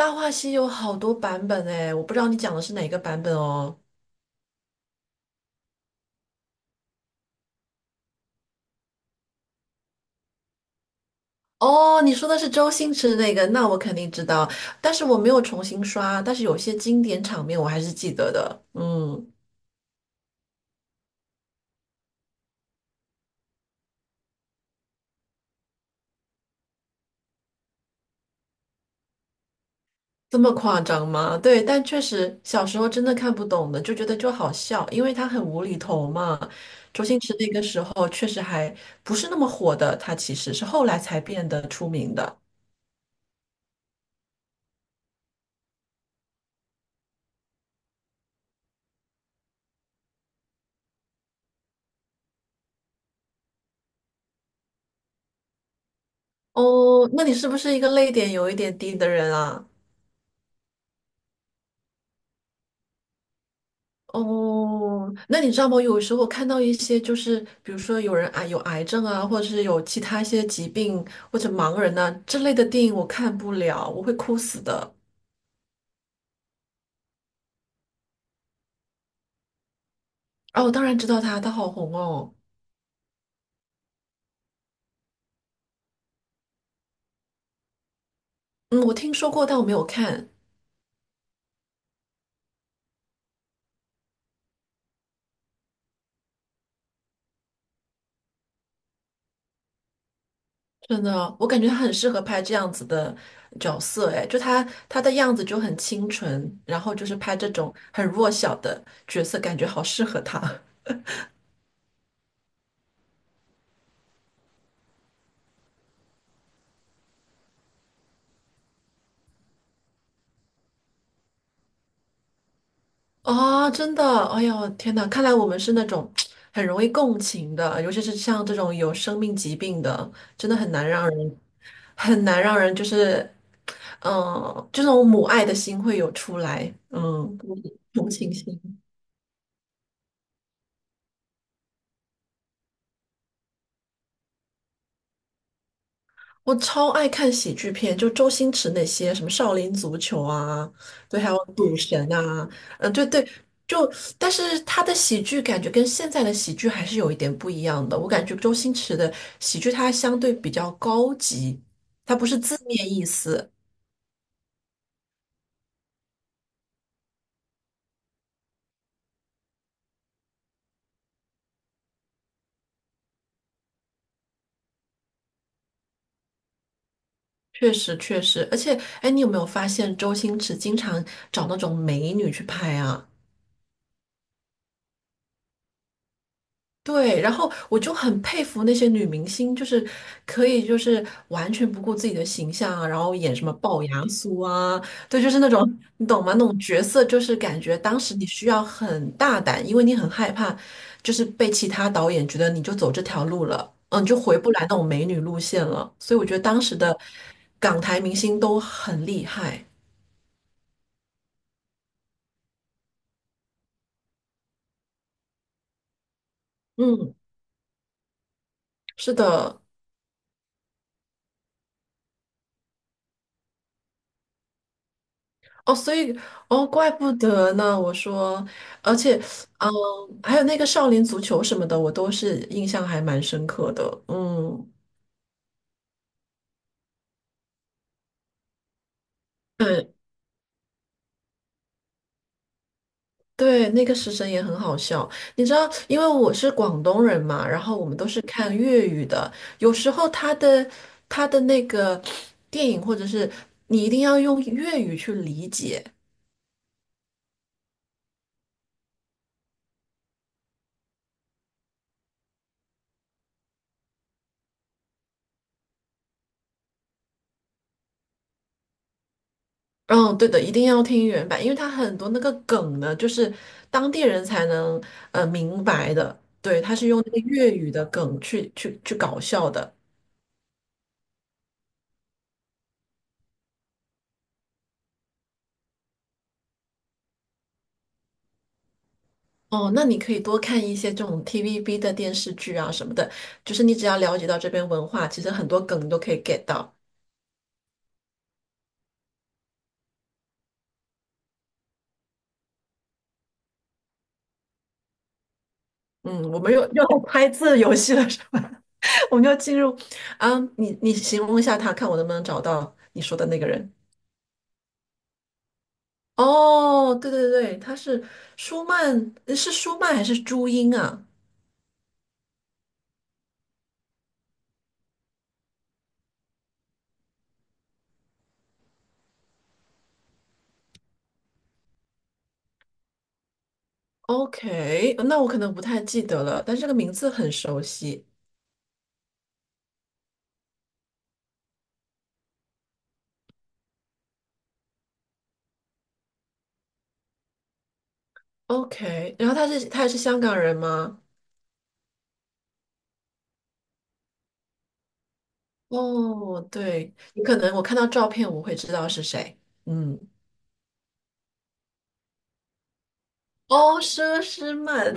《大话西游》好多版本哎，我不知道你讲的是哪个版本哦。哦，你说的是周星驰的那个，那我肯定知道，但是我没有重新刷，但是有些经典场面我还是记得的。嗯，这么夸张吗？对，但确实小时候真的看不懂的，就觉得就好笑，因为他很无厘头嘛。周星驰那个时候确实还不是那么火的，他其实是后来才变得出名的。哦，那你是不是一个泪点有一点低的人啊？哦，那你知道吗？有时候看到一些，就是比如说有人啊有癌症啊，或者是有其他一些疾病或者盲人呐、之类的电影，我看不了，我会哭死的。哦，我当然知道他，他好红哦。嗯，我听说过，但我没有看。真的，我感觉他很适合拍这样子的角色，哎，就他的样子就很清纯，然后就是拍这种很弱小的角色，感觉好适合他。啊，真的，哎呦，天呐，看来我们是那种很容易共情的，尤其是像这种有生命疾病的，真的很难让人，很难让人就是，这种母爱的心会有出来，同情心。我超爱看喜剧片，就周星驰那些什么《少林足球》啊，对，还有《赌神》啊，嗯，对对，就但是他的喜剧感觉跟现在的喜剧还是有一点不一样的。我感觉周星驰的喜剧它相对比较高级，它不是字面意思，确实确实。而且，哎，你有没有发现周星驰经常找那种美女去拍啊？对，然后我就很佩服那些女明星，就是可以就是完全不顾自己的形象啊，然后演什么龅牙苏啊，对，就是那种你懂吗？那种角色就是感觉当时你需要很大胆，因为你很害怕，就是被其他导演觉得你就走这条路了，嗯，你就回不来那种美女路线了。所以我觉得当时的港台明星都很厉害，嗯，是的。哦，所以哦，怪不得呢。我说，而且，嗯，还有那个少林足球什么的，我都是印象还蛮深刻的。嗯，对对，那个食神也很好笑。你知道，因为我是广东人嘛，然后我们都是看粤语的，有时候他的那个电影或者是你一定要用粤语去理解，嗯，对的，一定要听原版，因为它很多那个梗呢，就是当地人才能明白的。对，它是用那个粤语的梗去搞笑的。哦，那你可以多看一些这种 TVB 的电视剧啊什么的，就是你只要了解到这边文化，其实很多梗你都可以 get 到。嗯，我们又来拍字游戏了，是吧？我们就进入，啊，你形容一下他，看我能不能找到你说的那个人。哦，对对对，他是舒曼，是舒曼还是朱茵啊？OK,那我可能不太记得了，但这个名字很熟悉。OK,然后他也是香港人吗？哦，对，你可能我看到照片我会知道是谁。嗯，哦，佘诗曼，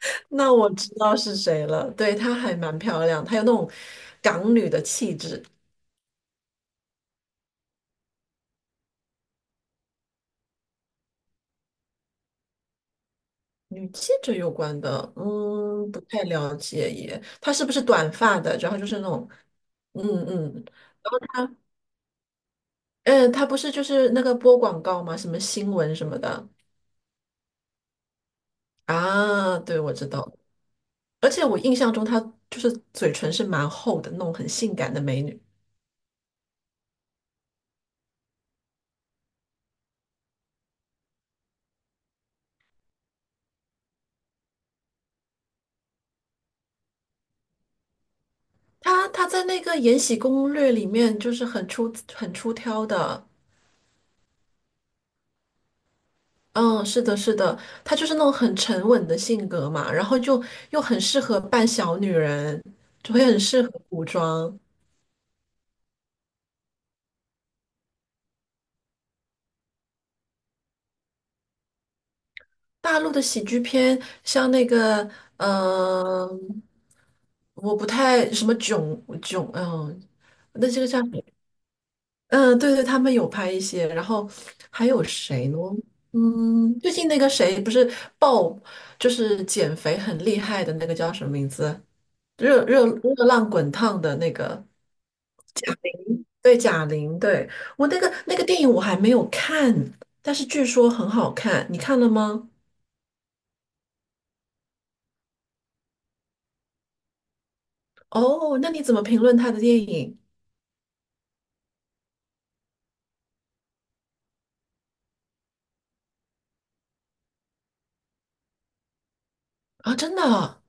那我知道是谁了。对，她还蛮漂亮，她有那种港女的气质。女记者有关的，嗯，不太了解耶。她是不是短发的？然后就是那种，嗯嗯，她，嗯，她不是就是那个播广告吗？什么新闻什么的啊？对，我知道。而且我印象中她就是嘴唇是蛮厚的，那种很性感的美女。她在那个《延禧攻略》里面就是很出很出挑的。嗯，是的，是的，她就是那种很沉稳的性格嘛，然后就又很适合扮小女人，就会很适合古装。大陆的喜剧片，像那个，嗯，我不太什么囧囧，嗯，那这个叫什么嗯，对对，他们有拍一些，然后还有谁呢？嗯，最近那个谁不是爆，就是减肥很厉害的那个叫什么名字？热浪滚烫的那个。对，贾玲，对，我那个电影我还没有看，但是据说很好看，你看了吗？哦，那你怎么评论她的电影啊？真的啊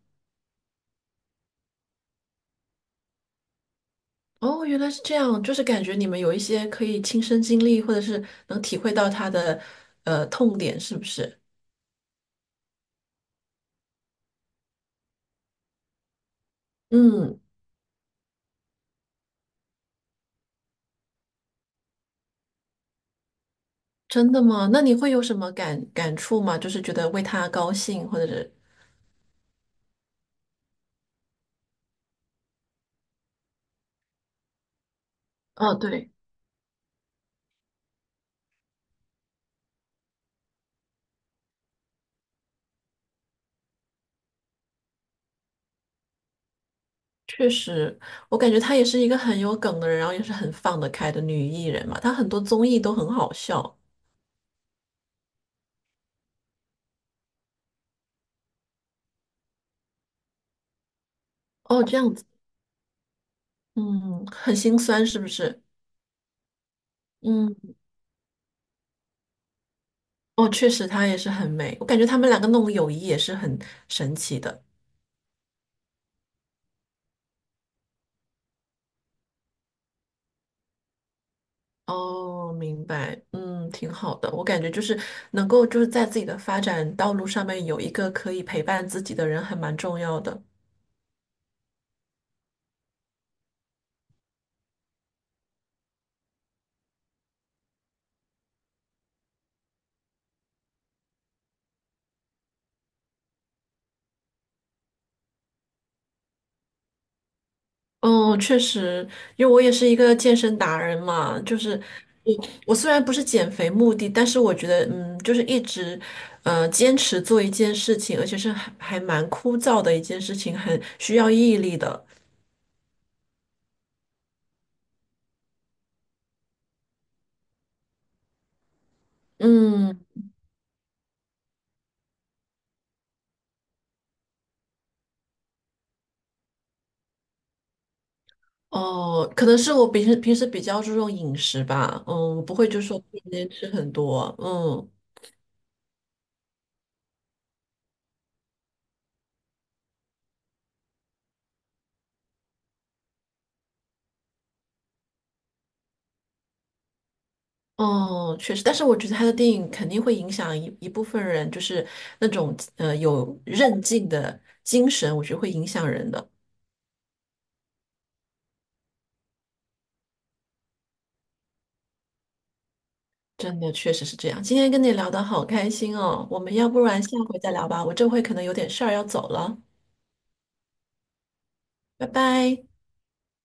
哦，原来是这样，就是感觉你们有一些可以亲身经历，或者是能体会到她的痛点，是不是？嗯，真的吗？那你会有什么感触吗？就是觉得为她高兴，或者是哦，对，确实，我感觉她也是一个很有梗的人，然后也是很放得开的女艺人嘛，她很多综艺都很好笑。哦，这样子，嗯，很心酸是不是？嗯，哦，确实她也是很美，我感觉他们两个那种友谊也是很神奇的。哦，明白，嗯，挺好的。我感觉就是能够就是在自己的发展道路上面有一个可以陪伴自己的人，还蛮重要的。嗯，确实，因为我也是一个健身达人嘛，就是我我虽然不是减肥目的，但是我觉得，嗯，就是一直，坚持做一件事情，而且是还蛮枯燥的一件事情，很需要毅力的。嗯，哦，可能是我平时比较注重饮食吧，嗯，不会就说天天吃很多，嗯。哦，确实，但是我觉得他的电影肯定会影响一部分人，就是那种有韧劲的精神，我觉得会影响人的。真的，确实是这样。今天跟你聊得好开心哦，我们要不然下回再聊吧，我这回可能有点事儿要走了，拜拜。